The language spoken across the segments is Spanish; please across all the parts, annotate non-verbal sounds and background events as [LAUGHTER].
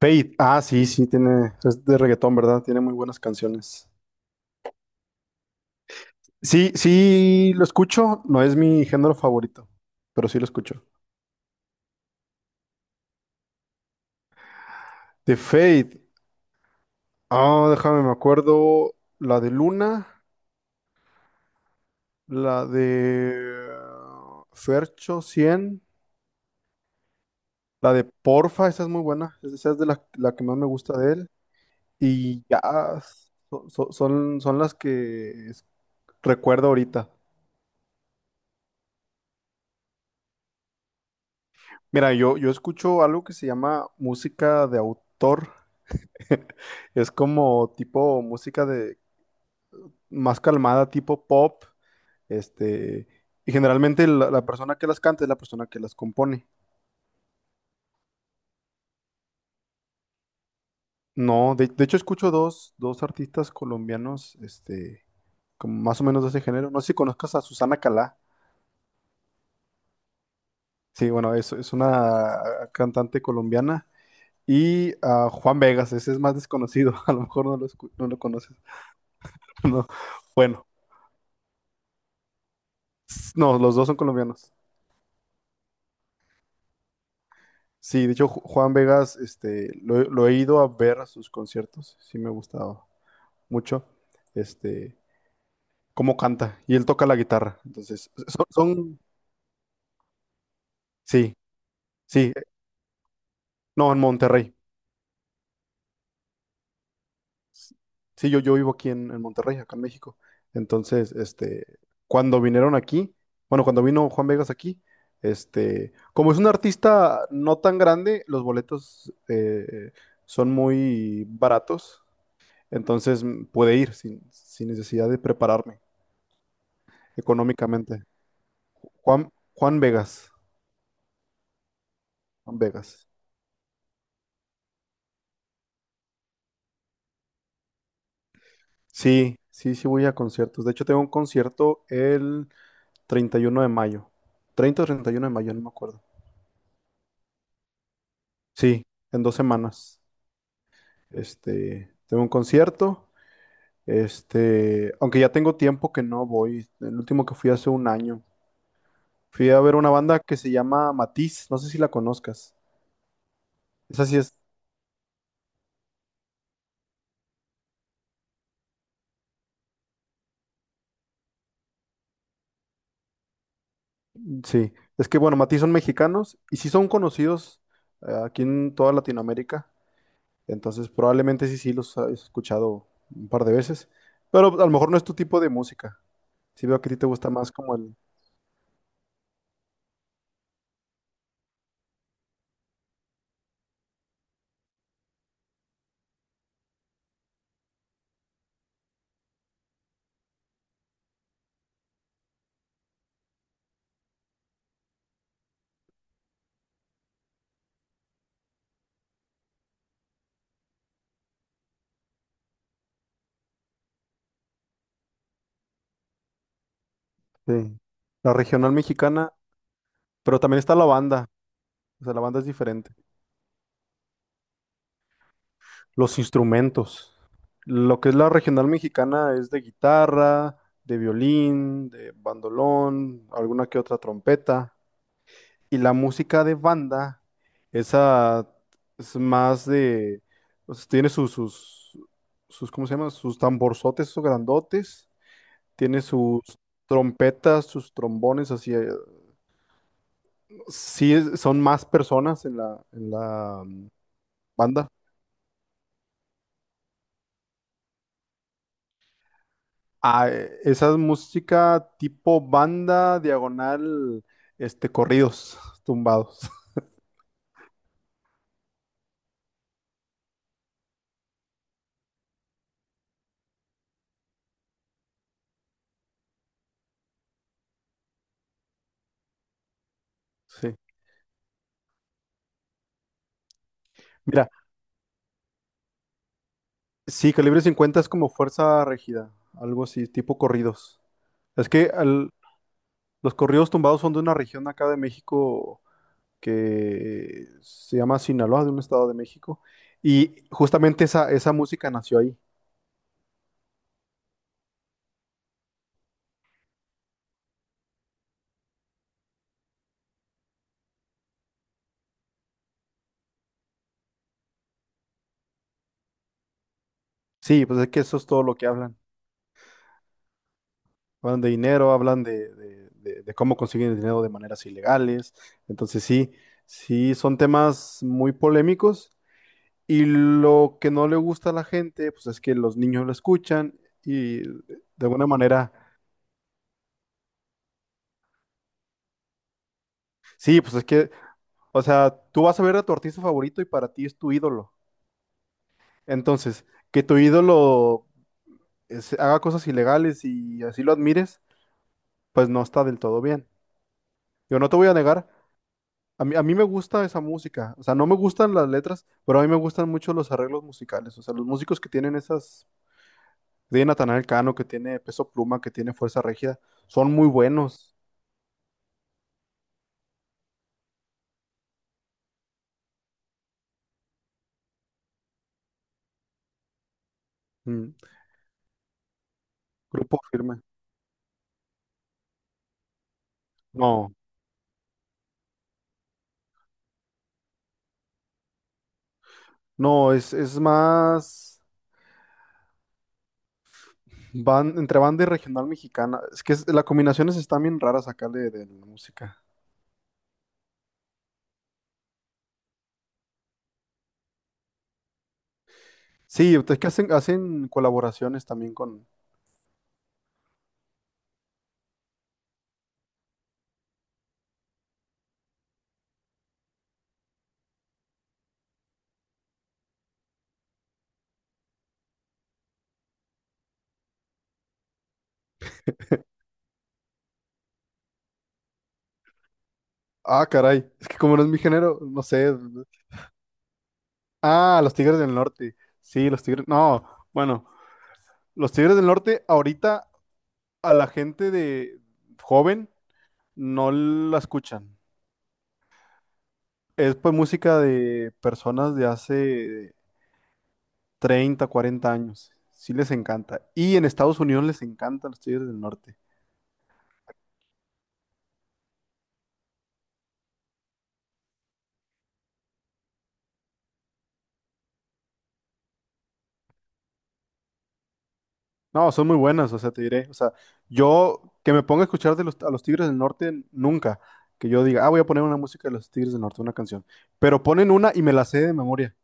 Fade. Ah, sí, sí, es de reggaetón, ¿verdad? Tiene muy buenas canciones. Sí, sí, lo escucho, no es mi género favorito, pero sí lo escucho. De Fade. Ah, déjame, me acuerdo la de Luna, la de Fercho 100, la de Porfa, esa es muy buena, esa es de la que más me gusta de él. Y ya, son las que recuerdo ahorita. Mira, yo escucho algo que se llama música de autor. [LAUGHS] Es como tipo música de más calmada, tipo pop, este, y generalmente la persona que las canta es la persona que las compone. No, De hecho escucho dos artistas colombianos, como más o menos de ese género. No sé si conozcas a Susana Calá. Sí, bueno, es una cantante colombiana. Y a Juan Vegas, ese es más desconocido, [LAUGHS] a lo mejor no lo conoces. [LAUGHS] No. Bueno, no, los dos son colombianos. Sí, de hecho, Juan Vegas, lo he ido a ver a sus conciertos, sí me ha gustado mucho, este, cómo canta, y él toca la guitarra. Entonces, sí, sí, no, en Monterrey, sí, yo vivo aquí en Monterrey, acá en México. Entonces, cuando vinieron aquí, bueno, cuando vino Juan Vegas aquí, como es un artista no tan grande, los boletos son muy baratos. Entonces puede ir sin necesidad de prepararme económicamente. Juan Vegas. Juan Vegas. Sí, sí, sí voy a conciertos. De hecho, tengo un concierto el 31 de mayo. 30 o 31 de mayo, no me acuerdo. Sí, en 2 semanas. Tengo un concierto. Aunque ya tengo tiempo que no voy. El último que fui hace un año. Fui a ver una banda que se llama Matiz. No sé si la conozcas. Esa sí es. Sí, es que bueno, Matiz son mexicanos y sí son conocidos aquí en toda Latinoamérica, entonces probablemente sí, sí los has escuchado un par de veces, pero a lo mejor no es tu tipo de música. Sí veo que a ti te gusta más como sí, la regional mexicana, pero también está la banda, o sea, la banda es diferente. Los instrumentos, lo que es la regional mexicana es de guitarra, de violín, de bandolón, alguna que otra trompeta. Y la música de banda, esa es más de, o sea, tiene sus, ¿cómo se llama? Sus tamborzotes, sus grandotes, tiene sus trompetas, sus trombones, así, sí son más personas en la banda. Ah, esa es música tipo banda, diagonal, corridos, [LAUGHS] tumbados. [LAUGHS] Sí. Mira, sí, calibre 50 es como fuerza rígida, algo así, tipo corridos. Es que los corridos tumbados son de una región acá de México que se llama Sinaloa, de un estado de México, y justamente esa música nació ahí. Sí, pues es que eso es todo lo que hablan. Hablan de dinero, hablan de cómo consiguen el dinero de maneras ilegales. Entonces sí, sí, son temas muy polémicos. Y lo que no le gusta a la gente, pues es que los niños lo escuchan y de alguna manera, sí, pues es que, o sea, tú vas a ver a tu artista favorito y para ti es tu ídolo. Entonces, que tu ídolo haga cosas ilegales y así lo admires, pues no está del todo bien. Yo no te voy a negar, a mí me gusta esa música, o sea, no me gustan las letras, pero a mí me gustan mucho los arreglos musicales, o sea, los músicos que tienen esas, que tiene Natanael Cano, que tiene Peso Pluma, que tiene Fuerza Regida, son muy buenos. Mm. Grupo firme. No, no, es más van, entre banda y regional mexicana. Es que las combinaciones están bien raras acá de la música. Sí, es que hacen, hacen colaboraciones también con. Ah, caray. Es que como no es mi género, no sé. Ah, los Tigres del Norte. Sí, los Tigres. No, bueno, los Tigres del Norte ahorita a la gente de joven no la escuchan. Es pues música de personas de hace 30 40 años. Sí les encanta. Y en Estados Unidos les encantan los Tigres del Norte. No, son muy buenas, o sea, te diré. O sea, yo que me ponga a escuchar a los Tigres del Norte nunca. Que yo diga, ah, voy a poner una música de los Tigres del Norte, una canción. Pero ponen una y me la sé de memoria.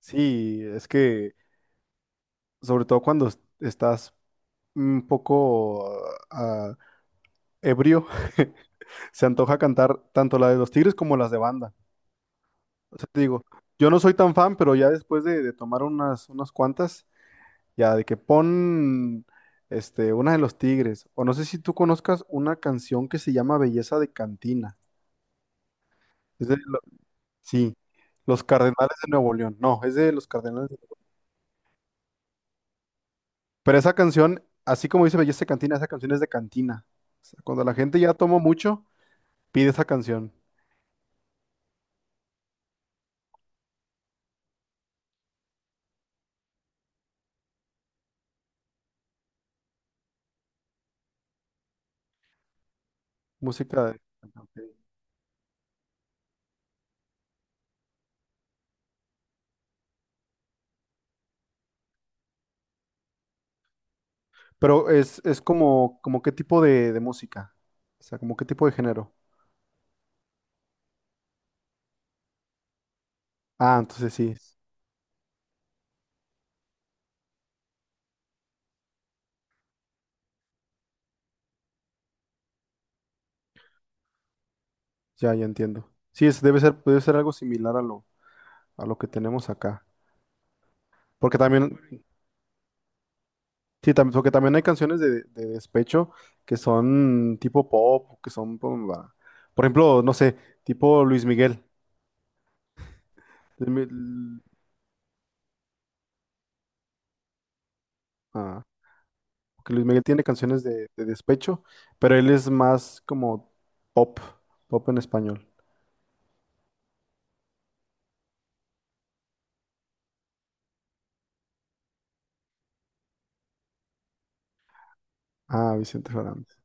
Sí, es que, sobre todo cuando estás un poco ah, ebrio, [LAUGHS] se antoja cantar tanto la de los Tigres como las de banda. O sea, te digo, yo no soy tan fan, pero ya después de tomar unas cuantas. Ya, de que pon una de los Tigres. O no sé si tú conozcas una canción que se llama Belleza de Cantina. Es de lo- sí, Los Cardenales de Nuevo León. No, es de los Cardenales. Pero esa canción, así como dice Belleza de Cantina, esa canción es de cantina. O sea, cuando la gente ya tomó mucho, pide esa canción. Música de... Pero es como, qué tipo de música. O sea, como qué tipo de género. Ah, entonces sí. Ya, ya entiendo. Sí, debe ser algo similar a lo que tenemos acá. Porque también, sí, porque también hay canciones de despecho que son tipo pop, que son, pum, va. Por ejemplo, no sé, tipo Luis Miguel. Luis Mi- ah, porque Luis Miguel tiene canciones de despecho, pero él es más como pop, pop en español. Ah, Vicente Fernández.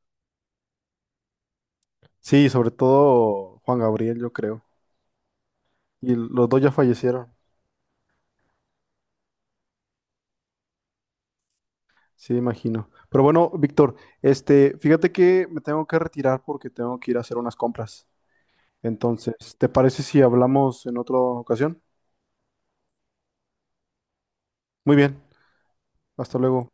Sí, sobre todo Juan Gabriel, yo creo. Y los dos ya fallecieron, sí, imagino. Pero bueno, Víctor, fíjate que me tengo que retirar porque tengo que ir a hacer unas compras. Entonces, ¿te parece si hablamos en otra ocasión? Muy bien, hasta luego.